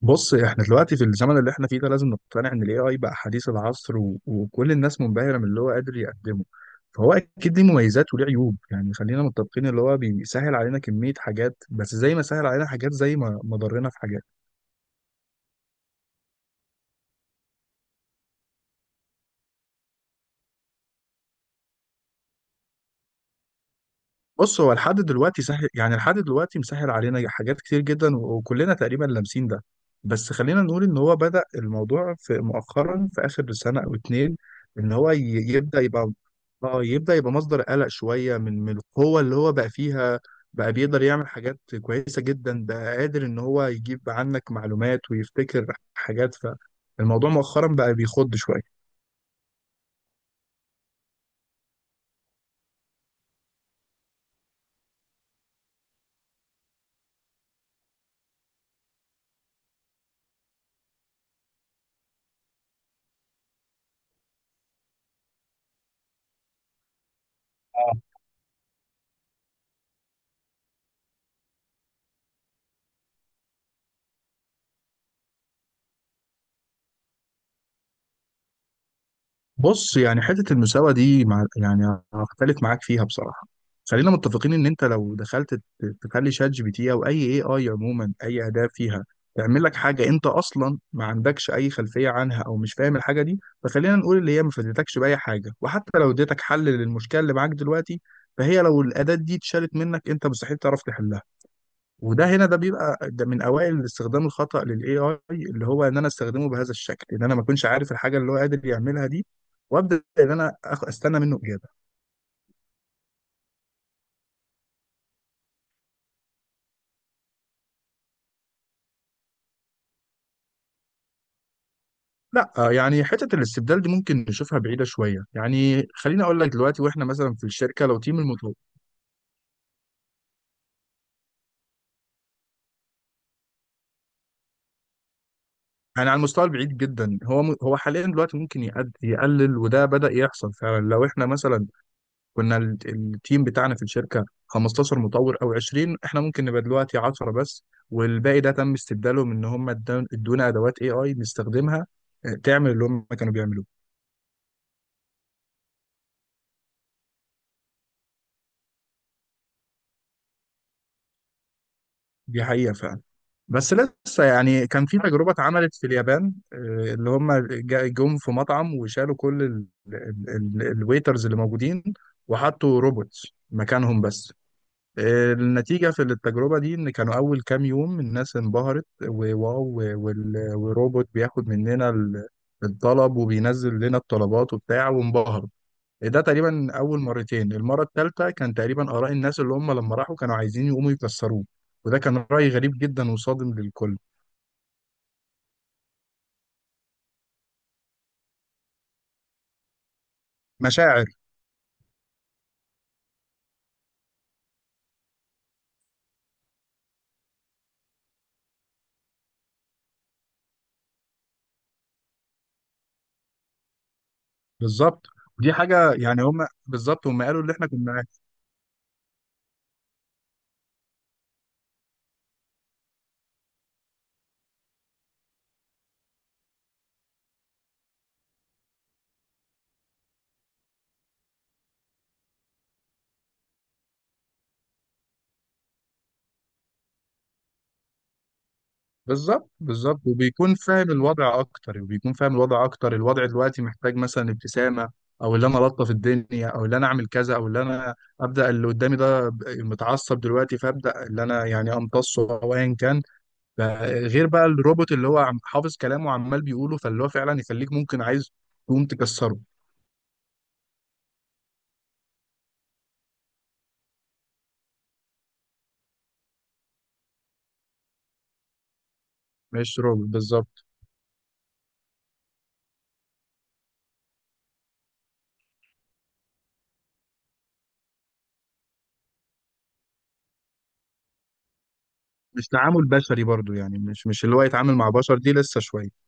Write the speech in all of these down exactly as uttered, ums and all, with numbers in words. بص، احنا دلوقتي في الزمن اللي احنا فيه ده لازم نقتنع ان الاي اي بقى حديث العصر و... وكل الناس منبهره من اللي هو قادر يقدمه. فهو اكيد ليه مميزات وليه عيوب، يعني خلينا متفقين اللي هو بيسهل علينا كميه حاجات، بس زي ما سهل علينا حاجات زي ما ما ضرنا في حاجات. بص، هو لحد دلوقتي سهل، يعني لحد دلوقتي مسهل علينا حاجات كتير جدا وكلنا تقريبا لامسين ده. بس خلينا نقول ان هو بدأ الموضوع في مؤخرا في اخر سنة او اتنين. ان هو ي- يبدأ يبقى اه يبدأ يبقى مصدر قلق شوية، من من القوة اللي هو بقى فيها. بقى بيقدر يعمل حاجات كويسة جدا، بقى قادر ان هو يجيب عنك معلومات ويفتكر حاجات. فالموضوع مؤخرا بقى بيخض شوية. بص، يعني حتة المساواة دي، مع يعني هختلف معاك فيها بصراحة. خلينا متفقين ان انت لو دخلت ت- تخلي شات جي بي تي او اي اي اي عموما، اي اداة فيها تعمل لك حاجة انت اصلا ما عندكش اي خلفية عنها او مش فاهم الحاجة دي، فخلينا نقول اللي هي ما فادتكش بأي حاجة، وحتى لو اديتك حل للمشكلة اللي معاك دلوقتي، فهي لو الاداة دي اتشالت منك انت مستحيل تعرف تحلها. وده هنا، ده بيبقى ده من اوائل الاستخدام الخطأ للاي اي، اللي هو ان انا استخدمه بهذا الشكل، ان انا ما اكونش عارف الحاجه اللي هو قادر يعملها دي، وابدا ان انا أخ- استنى منه اجابه. لا، آه، يعني حته الاستبدال دي ممكن نشوفها بعيده شويه. يعني خليني اقول لك دلوقتي، واحنا مثلا في الشركه، لو تيم المطور، يعني على المستوى البعيد جدا، هو م- هو حاليا دلوقتي ممكن يقد- يقلل، وده بدا يحصل فعلا. لو احنا مثلا كنا ال- التيم بتاعنا في الشركه 15 مطور او عشرين، احنا ممكن نبقى دلوقتي عشرة بس، والباقي ده تم استبداله من ان هم ادون- ادونا ادوات اي اي نستخدمها، آه، تعمل اللي هم كانوا بيعملوه. دي حقيقه فعلا. بس لسه، يعني كان في تجربة اتعملت في اليابان، آه، اللي هم جا- جم في مطعم وشالوا كل الويترز اللي موجودين، وحطوا روبوتس مكانهم. بس النتيجة في التجربة دي إن كانوا أول كام يوم الناس انبهرت، وواو، وال- والروبوت بياخد مننا ال- الطلب، وبينزل لنا الطلبات وبتاع وانبهروا. إيه ده؟ تقريبا أول مرتين. المرة الثالثة كان تقريبا آراء الناس اللي هم لما راحوا كانوا عايزين يقوموا يكسروه. وده كان رأي غريب جدا وصادم للكل. مشاعر، بالظبط. دي حاجة يعني هم بالظبط هم قالوا اللي احنا كنا. بالظبط، بالظبط. وبيكون فاهم الوضع اكتر وبيكون فاهم الوضع اكتر الوضع دلوقتي محتاج مثلا ابتسامه، او اللي انا الطف الدنيا، او اللي انا اعمل كذا، او اللي انا ابدا اللي قدامي ده ب- متعصب دلوقتي، فابدا اللي انا يعني امتصه او ايا كان. ف- غير بقى الروبوت اللي هو عم- حافظ كلامه وعمال بيقوله، فاللي هو فعلا يخليك ممكن عايز تقوم تكسره. مش روبوت، بالظبط. مش تعامل بشري برضو، يعني مش مش اللي هو يتعامل مع بشر، دي لسه شويه.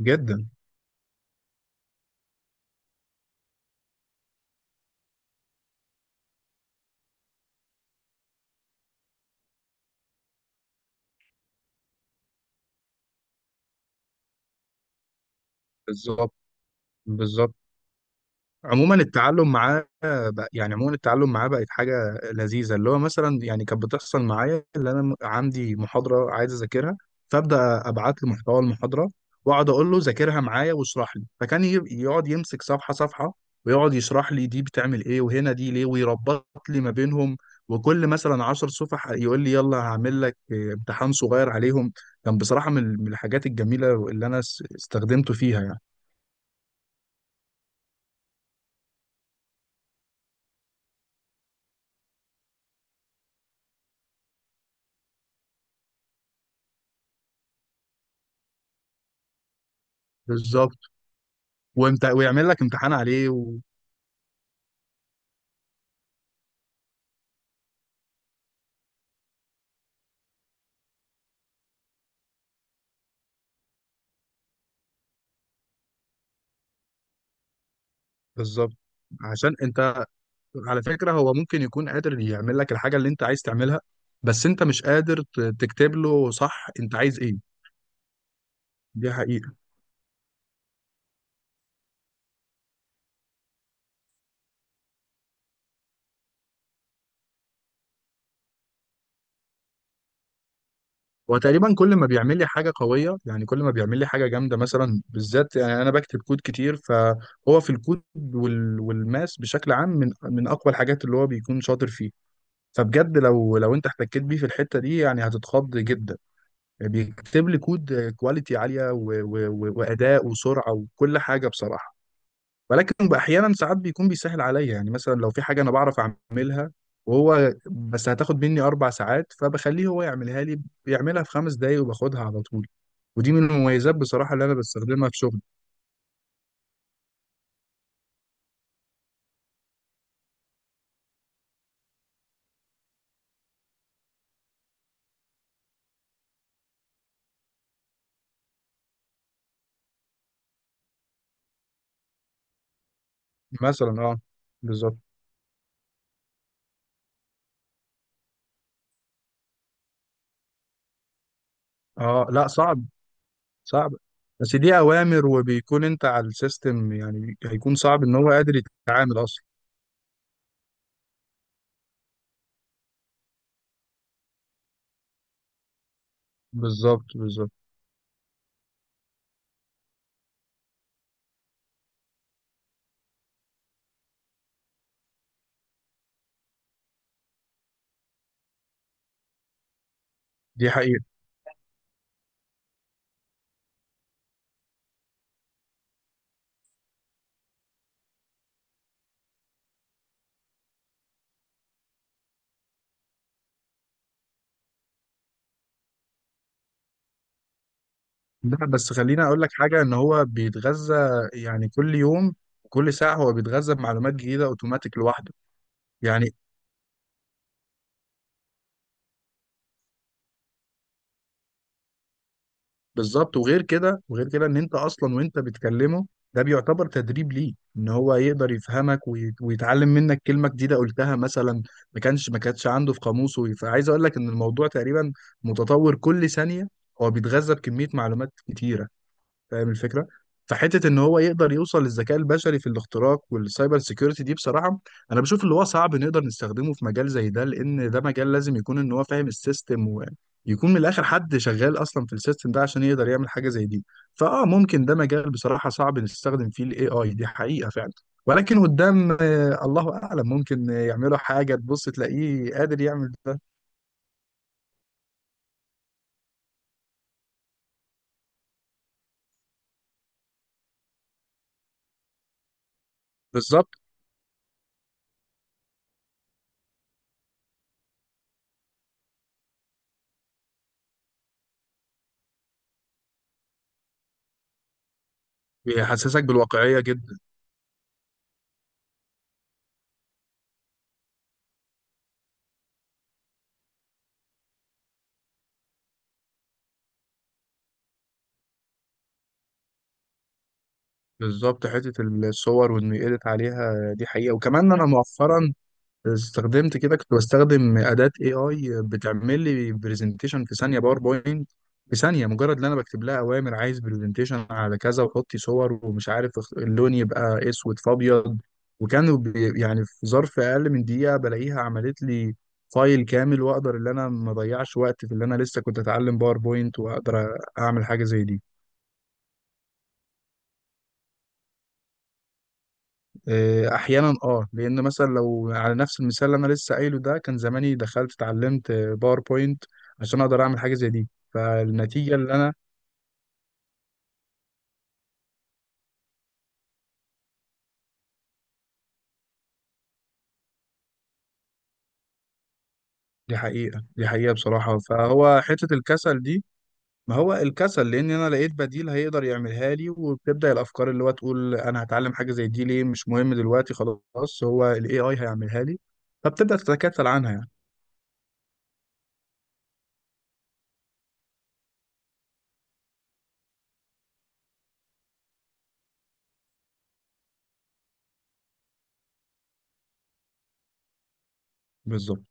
جدا، بالظبط، بالظبط. عموما التعلم معاه بقى يعني عموما التعلم معاه بقت حاجة لذيذة. اللي هو مثلا يعني كانت بتحصل معايا، اللي أنا م- عندي محاضرة عايز أذاكرها، فأبدأ أبعت له محتوى المحاضرة وأقعد أقول له ذاكرها معايا واشرح لي، فكان ي- يقعد يمسك صفحة صفحة ويقعد يشرح لي دي بتعمل إيه، وهنا دي ليه، ويربط لي ما بينهم، وكل مثلا عشر صفح يقول لي يلا هعمل لك إيه، امتحان صغير عليهم. كان بصراحة من من الحاجات الجميلة اللي أنا س- استخدمته فيها يعني. بالظبط. وامت... ويعمل لك امتحان عليه. بالظبط. عشان انت، على فكرة، هو ممكن يكون قادر يعمل لك الحاجة اللي انت عايز تعملها، بس انت مش قادر ت- تكتب له صح انت عايز ايه. دي حقيقة. هو تقريبا كل ما بيعمل لي حاجة قوية، يعني كل ما بيعمل لي حاجة جامدة، مثلا بالذات يعني انا بكتب كود كتير، فهو في الكود وال... والماس بشكل عام من من اقوى الحاجات اللي هو بيكون شاطر فيه. فبجد، لو لو انت احتكيت بيه في الحتة دي يعني هتتخض جدا. يعني بيكتب لي كود كواليتي عالية و... و... و... وأداء وسرعة وكل حاجة بصراحة. ولكن احيانا ساعات بيكون بيسهل عليا، يعني مثلا لو في حاجه انا بعرف اعملها وهو بس هتاخد مني اربع ساعات، فبخليه هو يعملها لي، بيعملها في خمس دقايق وباخدها على طول. ودي من المميزات بصراحه اللي انا بستخدمها في شغلي. مثلا، اه بالظبط. اه لا، صعب، صعب. بس دي اوامر وبيكون انت على السيستم، يعني هيكون صعب ان هو قادر يتعامل اصلا. بالظبط، بالظبط. دي حقيقه. لا، بس خليني اقول لك حاجه، ان هو بيتغذى يعني كل يوم، كل ساعه هو بيتغذى بمعلومات جديده اوتوماتيك لوحده يعني. بالظبط. وغير كده وغير كده، ان انت اصلا وانت بتكلمه، ده بيعتبر تدريب ليه، ان هو يقدر يفهمك ويت- ويتعلم منك كلمه جديده قلتها مثلا ما كانش ما كانتش عنده في قاموسه. فعايز اقول لك ان الموضوع تقريبا متطور كل ثانيه، هو بيتغذى بكميه معلومات كتيره، فاهم الفكره. فحته ان هو يقدر يوصل للذكاء البشري في الاختراق والسايبر سيكيورتي دي، بصراحه انا بشوف اللي هو صعب نقدر نستخدمه في مجال زي ده، لان ده مجال لازم يكون ان هو فاهم السيستم، ويكون من الاخر حد شغال اصلا في السيستم ده عشان يقدر يعمل حاجه زي دي. فاه ممكن ده مجال بصراحه صعب نستخدم فيه الاي اي، دي حقيقه فعلا. ولكن قدام، آه، الله اعلم ممكن يعملوا حاجه تبص تلاقيه قادر يعمل ده. بالظبط. بيحسسك بالواقعيه جدا. بالظبط. حتة الصور وإنه يedit عليها دي حقيقة. وكمان أنا مؤخرا استخدمت كده، كنت بستخدم أداة A I بتعمل لي برزنتيشن في ثانية، باوربوينت في ثانية، مجرد إن أنا بكتب لها أوامر عايز برزنتيشن على كذا وحطي صور، ومش عارف اخت- اللون يبقى أسود في أبيض، وكانوا بي- يعني في ظرف أقل من دقيقة بلاقيها عملت لي فايل كامل، وأقدر إن أنا ما أضيعش وقت في اللي أنا لسه كنت أتعلم باوربوينت وأقدر أعمل حاجة زي دي. إيه، احيانا، اه. لان مثلا لو على نفس المثال اللي انا لسه قايله ده، كان زماني دخلت اتعلمت باوربوينت عشان اقدر اعمل حاجه زي دي. فالنتيجه اللي انا دي حقيقه، دي حقيقه بصراحه. فهو حته الكسل دي، ما هو الكسل لان انا لقيت بديل هيقدر يعملها لي، وبتبدا الافكار اللي هو تقول انا هتعلم حاجه زي دي ليه، مش مهم دلوقتي، خلاص هو الاي اي هيعملها لي، فبتبدا تتكتل عنها يعني. بالظبط.